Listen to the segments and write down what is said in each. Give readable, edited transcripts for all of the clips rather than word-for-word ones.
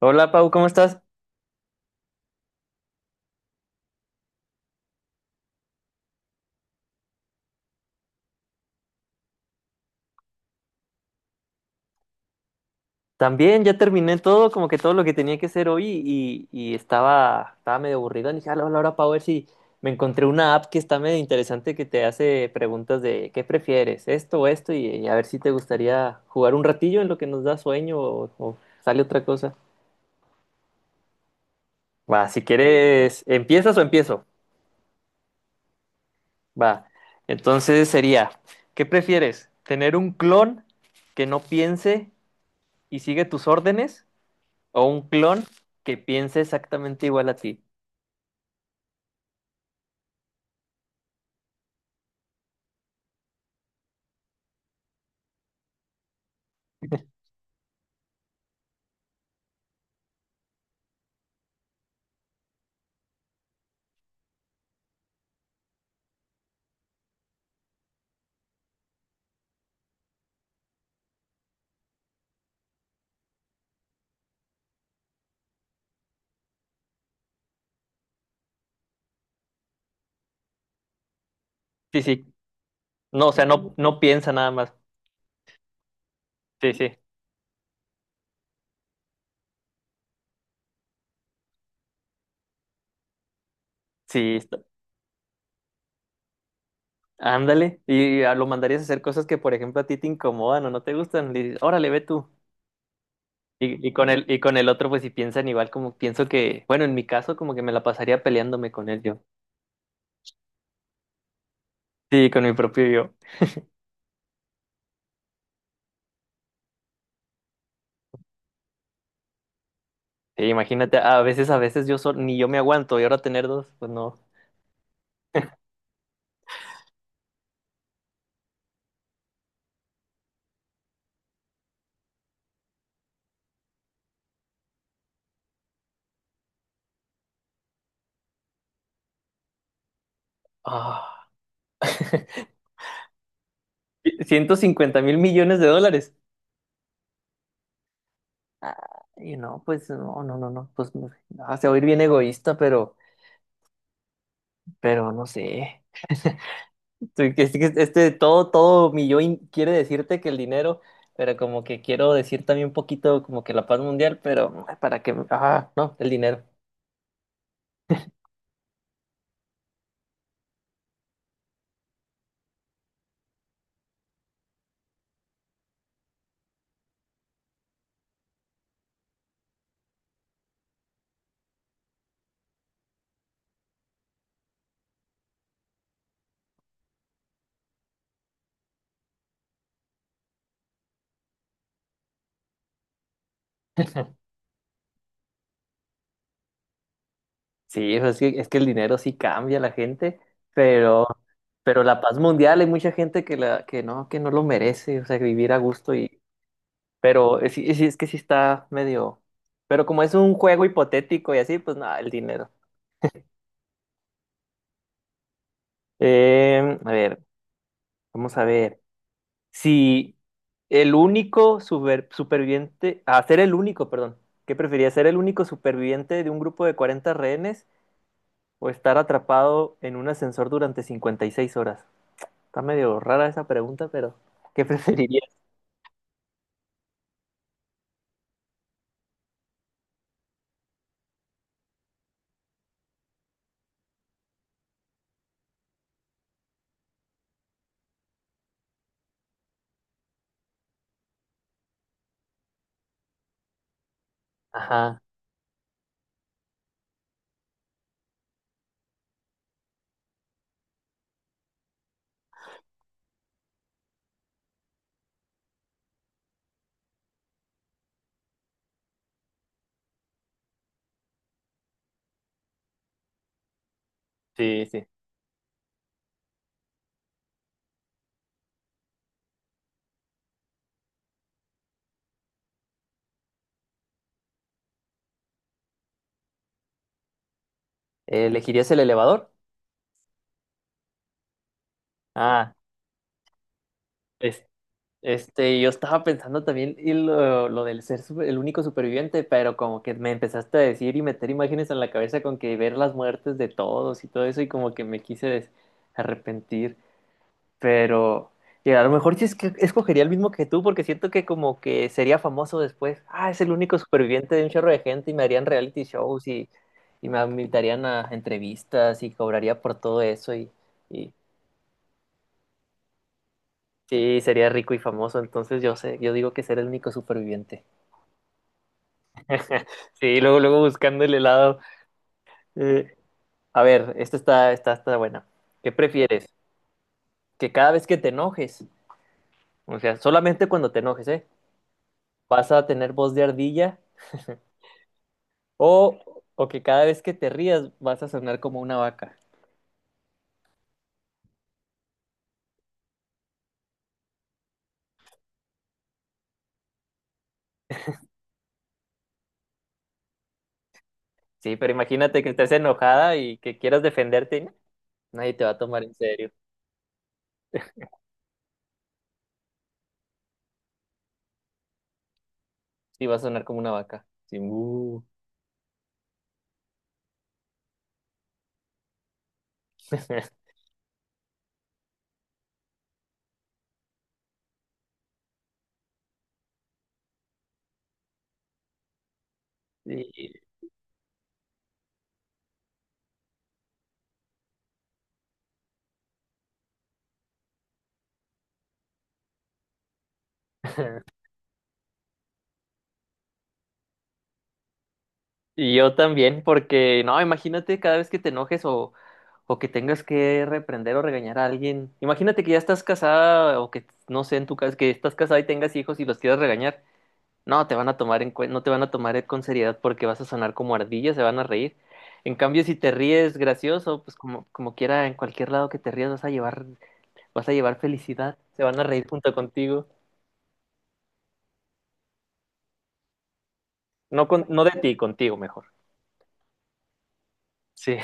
Hola Pau, ¿cómo estás? También ya terminé todo, como que todo lo que tenía que hacer hoy y estaba medio aburrido. Y dije, hola Pau, a ver si me encontré una app que está medio interesante que te hace preguntas de qué prefieres, esto o esto, y a ver si te gustaría jugar un ratillo en lo que nos da sueño o sale otra cosa. Va, si quieres, ¿empiezas o empiezo? Va. Entonces sería, ¿qué prefieres? ¿Tener un clon que no piense y sigue tus órdenes? ¿O un clon que piense exactamente igual a ti? Sí, sí. No, o sea, no piensa nada más. Sí, sí. Sí, ándale. Y lo mandarías a hacer cosas que, por ejemplo, a ti te incomodan o no te gustan. Le dices, órale, ve tú. Y con el otro, pues si piensan igual, como pienso que, bueno, en mi caso, como que me la pasaría peleándome con él yo. Sí, con mi propio yo. Sí, imagínate, a veces yo ni yo me aguanto y ahora tener dos, pues no. Ah, $150.000.000.000. Ah, y no, pues no, ah, se va a oír bien egoísta, pero no sé. Tú, todo mi yo quiere decirte que el dinero, pero como que quiero decir también un poquito como que la paz mundial, pero para que, ah, no, el dinero. Sí, pues, es que el dinero sí cambia a la gente, pero, pero la paz mundial hay mucha gente que que no lo merece, o sea, vivir a gusto y es que sí está medio. Pero como es un juego hipotético y así, pues nada, el dinero. Eh, a ver, vamos a ver. Si superviviente. Ah, ser el único, perdón. ¿Qué preferirías? ¿Ser el único superviviente de un grupo de 40 rehenes o estar atrapado en un ascensor durante 56 horas? Está medio rara esa pregunta, pero ¿qué preferirías? Ajá, sí, sí. ¿Elegirías el elevador? Ah, es- este, yo estaba pensando también y lo del ser el único superviviente, pero como que me empezaste a decir y meter imágenes en la cabeza con que ver las muertes de todos y todo eso, y como que me quise arrepentir. Pero, y a lo mejor sí es que escogería el mismo que tú, porque siento que como que sería famoso después. Ah, es el único superviviente de un chorro de gente y me harían reality shows y me invitarían a entrevistas y cobraría por todo eso y sí, sería rico y famoso. Entonces yo sé, yo digo que ser el único superviviente. Sí, luego, luego buscando el helado. Eh, a ver, esta está buena. ¿Qué prefieres? Que cada vez que te enojes, o sea, solamente cuando te enojes, ¿eh? ¿Vas a tener voz de ardilla? O, o que cada vez que te rías vas a sonar como una vaca. Sí, pero imagínate que estés enojada y que quieras defenderte, ¿no? Nadie te va a tomar en serio. Sí, vas a sonar como una vaca. Sí, mu. Sí. Y yo también, porque no, imagínate cada vez que te enojes o que tengas que reprender o regañar a alguien. Imagínate que ya estás casada o que no sé, en tu casa que estás casada y tengas hijos y los quieras regañar. No te van a tomar en no te van a tomar con seriedad porque vas a sonar como ardilla, se van a reír. En cambio, si te ríes gracioso, pues como, como quiera, en cualquier lado que te rías vas a vas a llevar felicidad, se van a reír junto contigo. No de ti, contigo mejor. Sí.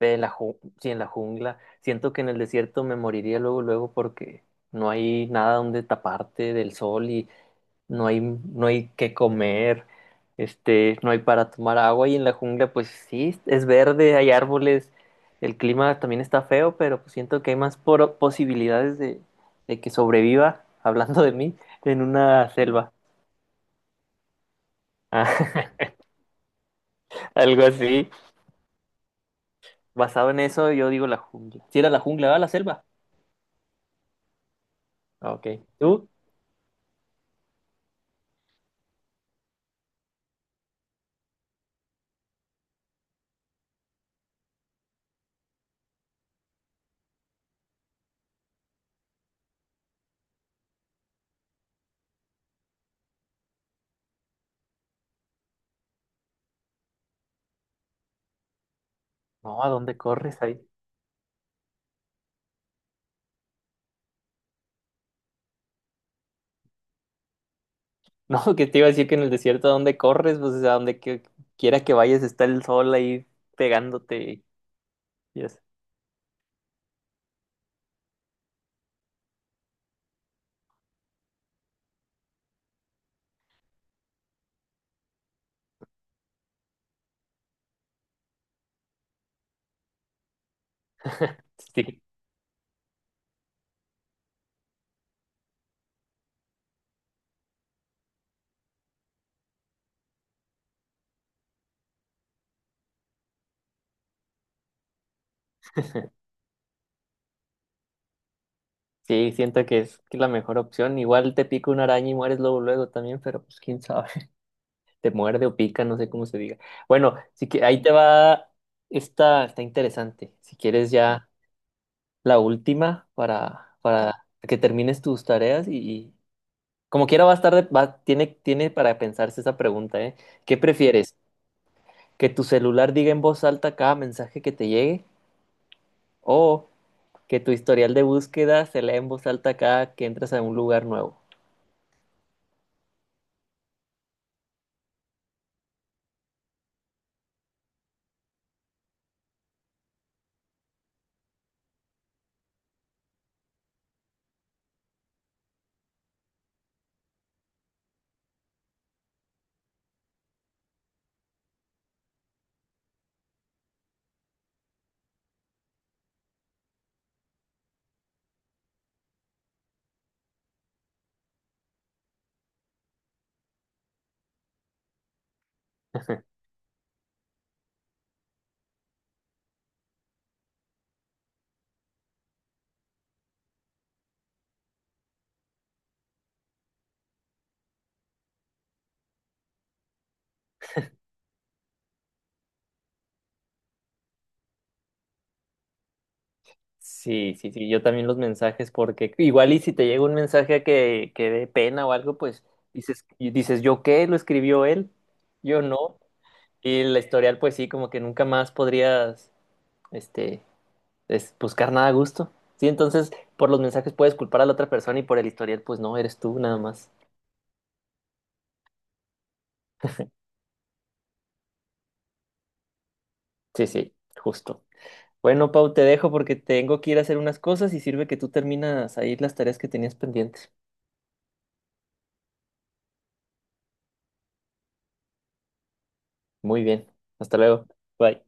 De sí, en la jungla. Siento que en el desierto me moriría luego, luego porque no hay nada donde taparte del sol y no hay que comer, este, no hay para tomar agua y en la jungla pues sí, es verde, hay árboles, el clima también está feo, pero pues siento que hay más posibilidades de que sobreviva, hablando de mí, en una selva. Ah, algo así. Basado en eso, yo digo la jungla. Si era la jungla, va la selva. Ah, ok. ¿Tú? No, ¿a dónde corres ahí? No, que te iba a decir que en el desierto, ¿a dónde corres? Pues a donde quiera que vayas está el sol ahí pegándote. Y eso. Sí, sí, siento que es la mejor opción. Igual te pica una araña y mueres luego, luego también, pero pues quién sabe. Te muerde o pica, no sé cómo se diga. Bueno, sí que ahí te va. Esta está interesante. Si quieres ya la última para que termines tus tareas y como quiera va a estar, tiene para pensarse esa pregunta, ¿eh? ¿Qué prefieres? ¿Que tu celular diga en voz alta cada mensaje que te llegue? ¿O que tu historial de búsqueda se lea en voz alta cada que entras a un lugar nuevo? Sí, yo también los mensajes, porque igual y si te llega un mensaje que dé pena o algo, pues dices, y dices, ¿yo qué? ¿Lo escribió él? Yo no. Y el historial, pues sí, como que nunca más podrías, este, buscar nada a gusto. Sí, entonces por los mensajes puedes culpar a la otra persona y por el historial, pues no, eres tú nada más. Sí, sí, justo. Bueno, Pau, te dejo porque tengo que ir a hacer unas cosas y sirve que tú terminas ahí las tareas que tenías pendientes. Muy bien, hasta luego. Bye.